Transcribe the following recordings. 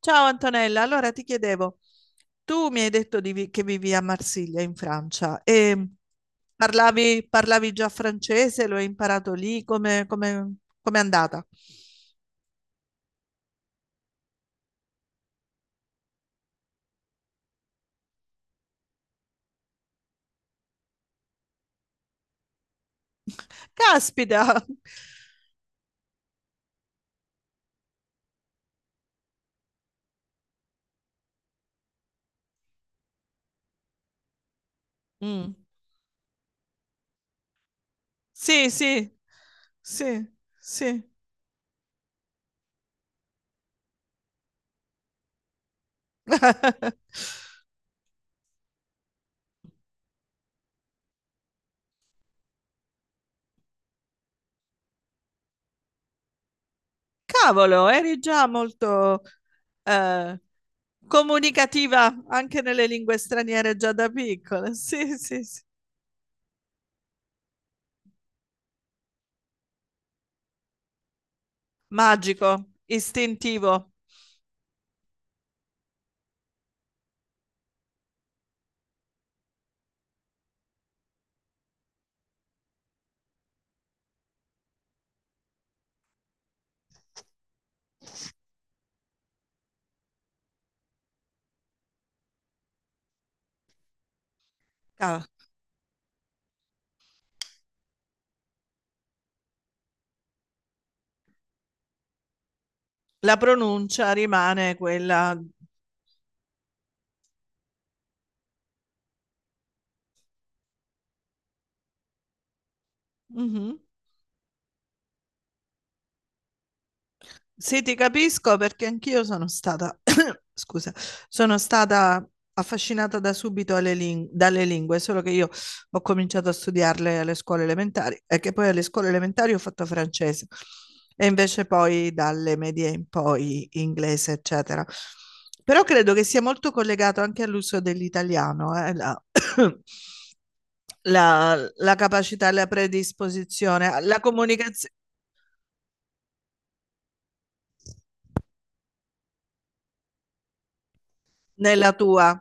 Ciao Antonella, allora ti chiedevo, tu mi hai detto che vivi a Marsiglia in Francia e parlavi già francese, lo hai imparato lì, come è andata? Caspita! Mm. Sì, sì, sì, sì. Cavolo, eri già molto eh, comunicativa anche nelle lingue straniere già da piccola. Sì, sì, sì. Magico, istintivo. Ah. La pronuncia rimane quella. Mhm. Sì, ti capisco perché anch'io sono stata, scusa, sono stata affascinata da subito dalle lingue, solo che io ho cominciato a studiarle alle scuole elementari e che poi alle scuole elementari ho fatto francese e invece poi dalle medie in poi inglese, eccetera. Però credo che sia molto collegato anche all'uso dell'italiano, La capacità, la predisposizione, la comunicazione nella tua.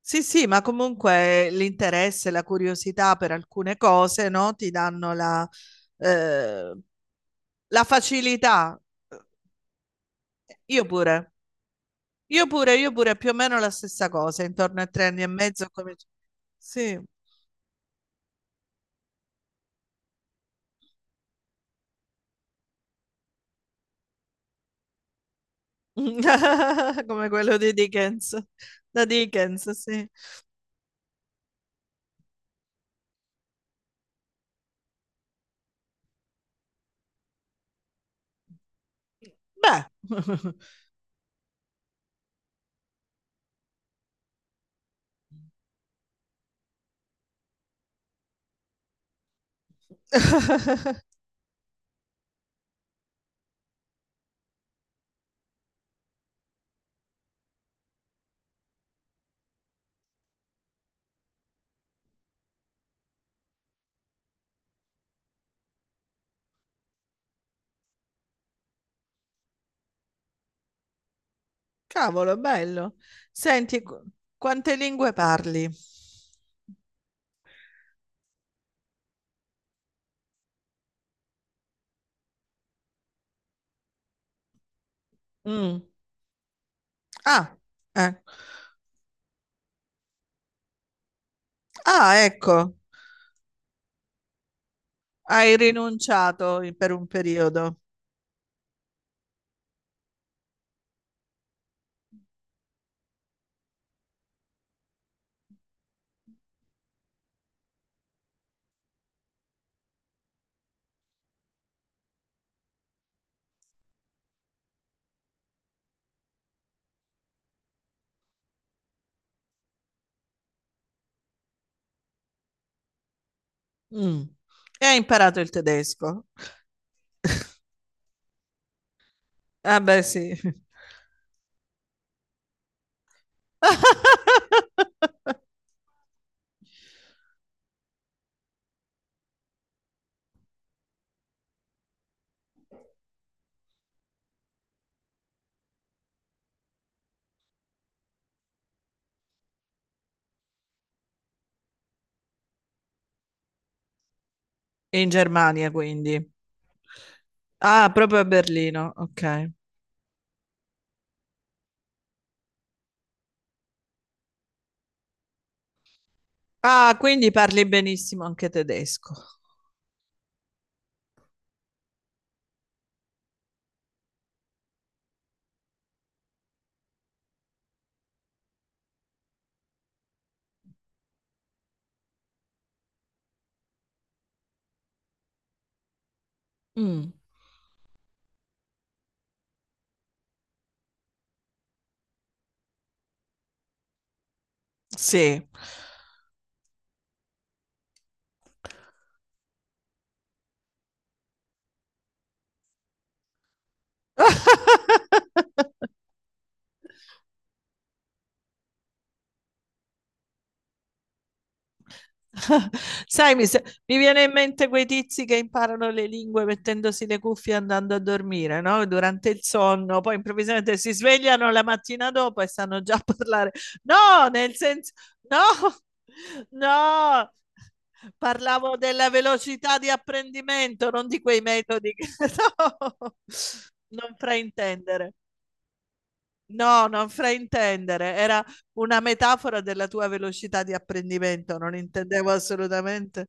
Sì, sì, ma comunque l'interesse, la curiosità per alcune cose, no? Ti danno la, eh, la facilità. Io pure, io pure, più o meno la stessa cosa, intorno ai tre anni e mezzo. Sì, come quello di Dickens, da Dickens, sì. Beh. Cavolo, è bello. Senti, quante lingue parli? Mm. Ah, eh. Ah, ecco, per un periodo. Mm. E hai imparato il tedesco. Ah, beh, sì. In Germania, quindi. Ah, proprio a Berlino, ok. Ah, quindi parli benissimo anche tedesco. Mm. Sì. Sai, mi, se- mi viene in mente quei tizi che imparano le lingue mettendosi le cuffie e andando a dormire, no? Durante il sonno, poi improvvisamente si svegliano la mattina dopo e sanno già parlare. No, nel senso, no, no, parlavo della velocità di apprendimento, non di quei metodi che no, non fraintendere. No, non fraintendere, era una metafora della tua velocità di apprendimento, non intendevo assolutamente.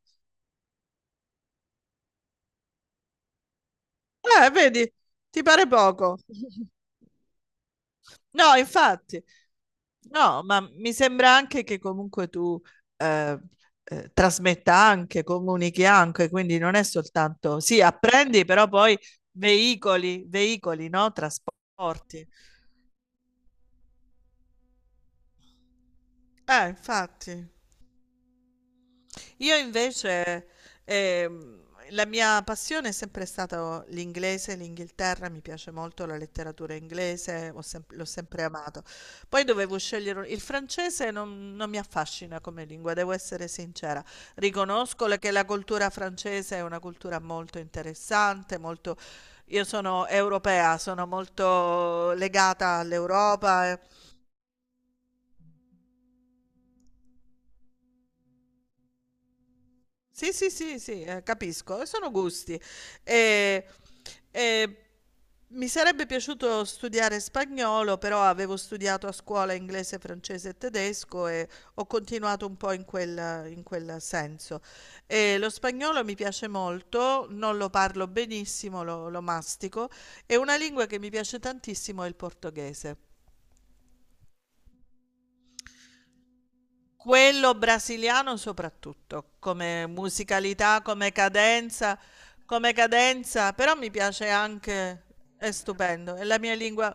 Vedi, ti pare poco. No, infatti, no, ma mi sembra anche che comunque tu eh, trasmetta anche, comunichi anche, quindi non è soltanto, sì, apprendi, però poi veicoli, no? Trasporti. Infatti. Io invece, ehm, la mia passione è sempre stata l'inglese, l'Inghilterra, mi piace molto la letteratura inglese, l'ho sempre amato. Poi dovevo scegliere il francese, non mi affascina come lingua, devo essere sincera. Riconosco che la cultura francese è una cultura molto interessante, molto... Io sono europea, sono molto legata all'Europa, eh. Sì, sì, sì, sì, capisco, sono gusti. E, e mi sarebbe piaciuto studiare spagnolo, però avevo studiato a scuola inglese, francese e tedesco e ho continuato un po' in quel senso. E lo spagnolo mi piace molto, non lo parlo benissimo, lo mastico, e una lingua che mi piace tantissimo è il portoghese. Quello brasiliano soprattutto, come musicalità, come cadenza, però mi piace anche, è stupendo, è la mia lingua,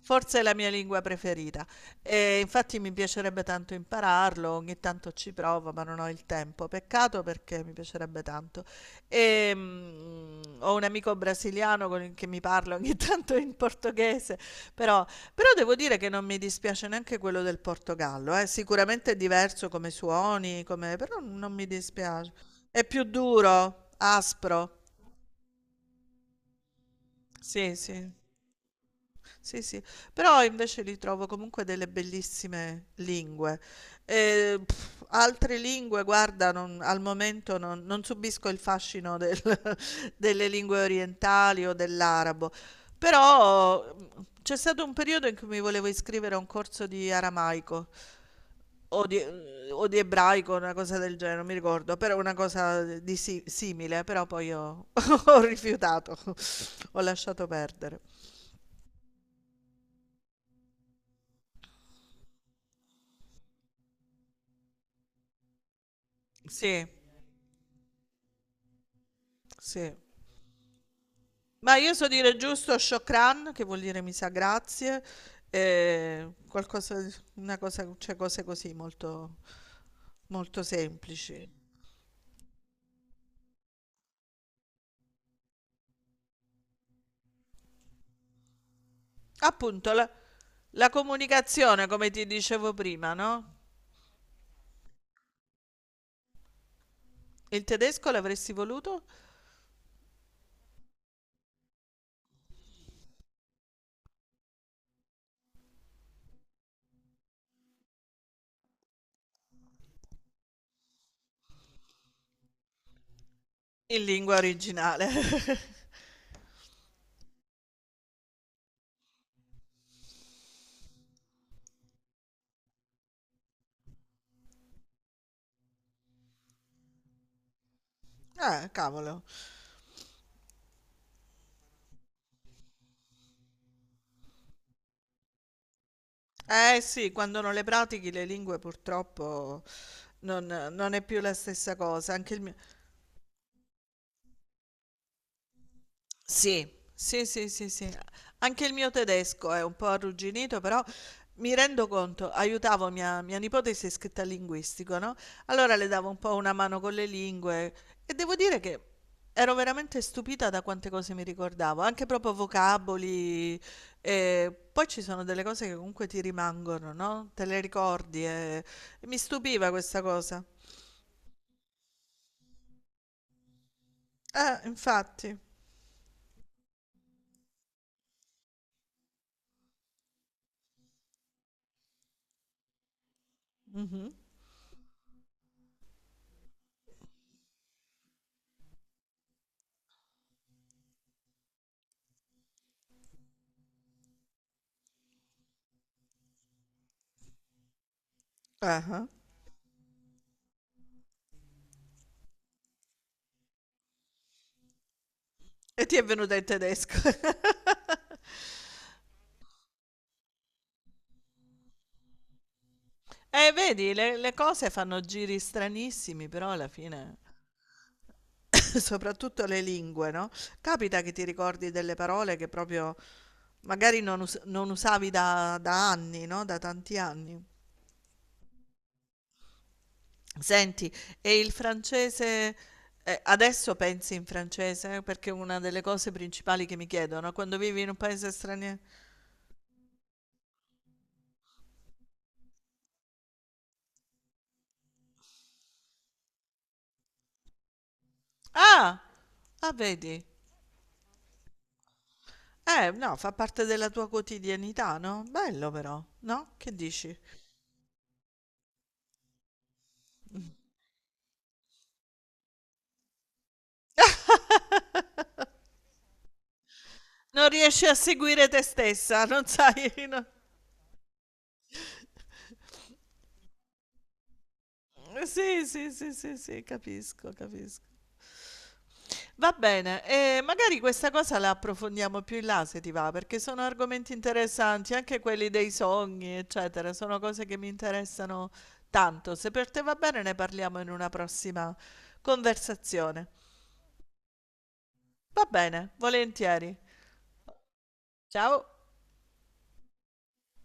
forse è la mia lingua preferita. E infatti mi piacerebbe tanto impararlo, ogni tanto ci provo, ma non ho il tempo. Peccato perché mi piacerebbe tanto. E, ho un amico brasiliano con il che mi parla ogni tanto in portoghese, però però devo dire che non mi dispiace neanche quello del Portogallo, eh. Sicuramente è diverso come suoni, come... però non mi dispiace. È più duro, aspro. Sì, sì, sì, sì. Però invece li trovo comunque delle bellissime lingue. Pff, altre lingue, guarda, al momento non subisco il fascino delle lingue orientali o dell'arabo. Però c'è stato un periodo in cui mi volevo iscrivere a un corso di aramaico. o di, o di ebraico, una cosa del genere, non mi ricordo, però una cosa simile, però poi ho, ho rifiutato, ho lasciato perdere. Sì, sì. Ma io so dire giusto shokran, che vuol dire mi sa grazie, e qualcosa, una cosa, cioè cose così molto, molto semplici. Appunto, la, la comunicazione, come ti dicevo prima, no? Il tedesco l'avresti voluto in lingua originale. Cavolo. Eh sì, quando non le pratichi le lingue purtroppo non, non è più la stessa cosa. Anche Sì, sì, sì, sì, sì. Anche il mio tedesco è un po' arrugginito, però mi rendo conto, aiutavo mia nipote si è iscritta al linguistico, no? Allora le davo un po' una mano con le lingue e devo dire che ero veramente stupita da quante cose mi ricordavo, anche proprio vocaboli. E poi ci sono delle cose che comunque ti rimangono, no? Te le ricordi e mi stupiva questa cosa. Infatti. Mhm. Ah, ah. E ti è venuta in tedesco. Vedi, le cose fanno giri stranissimi, però alla fine, soprattutto le lingue, no? Capita che ti ricordi delle parole che proprio magari non usavi da anni, no? Da tanti anni. Senti, e il francese, adesso pensi in francese? Perché è una delle cose principali che mi chiedono, no? Quando vivi in un paese straniero... Ah! Ah, vedi? No, fa parte della tua quotidianità, no? Bello però, no? Che dici? Non riesci a seguire te stessa, non sai. No. Sì, sì, sì, sì, sì, capisco, capisco. Va bene, e magari questa cosa la approfondiamo più in là se ti va, perché sono argomenti interessanti, anche quelli dei sogni, eccetera, sono cose che mi interessano tanto. Se per te va bene, ne parliamo in una prossima conversazione. Va bene, volentieri. Ciao.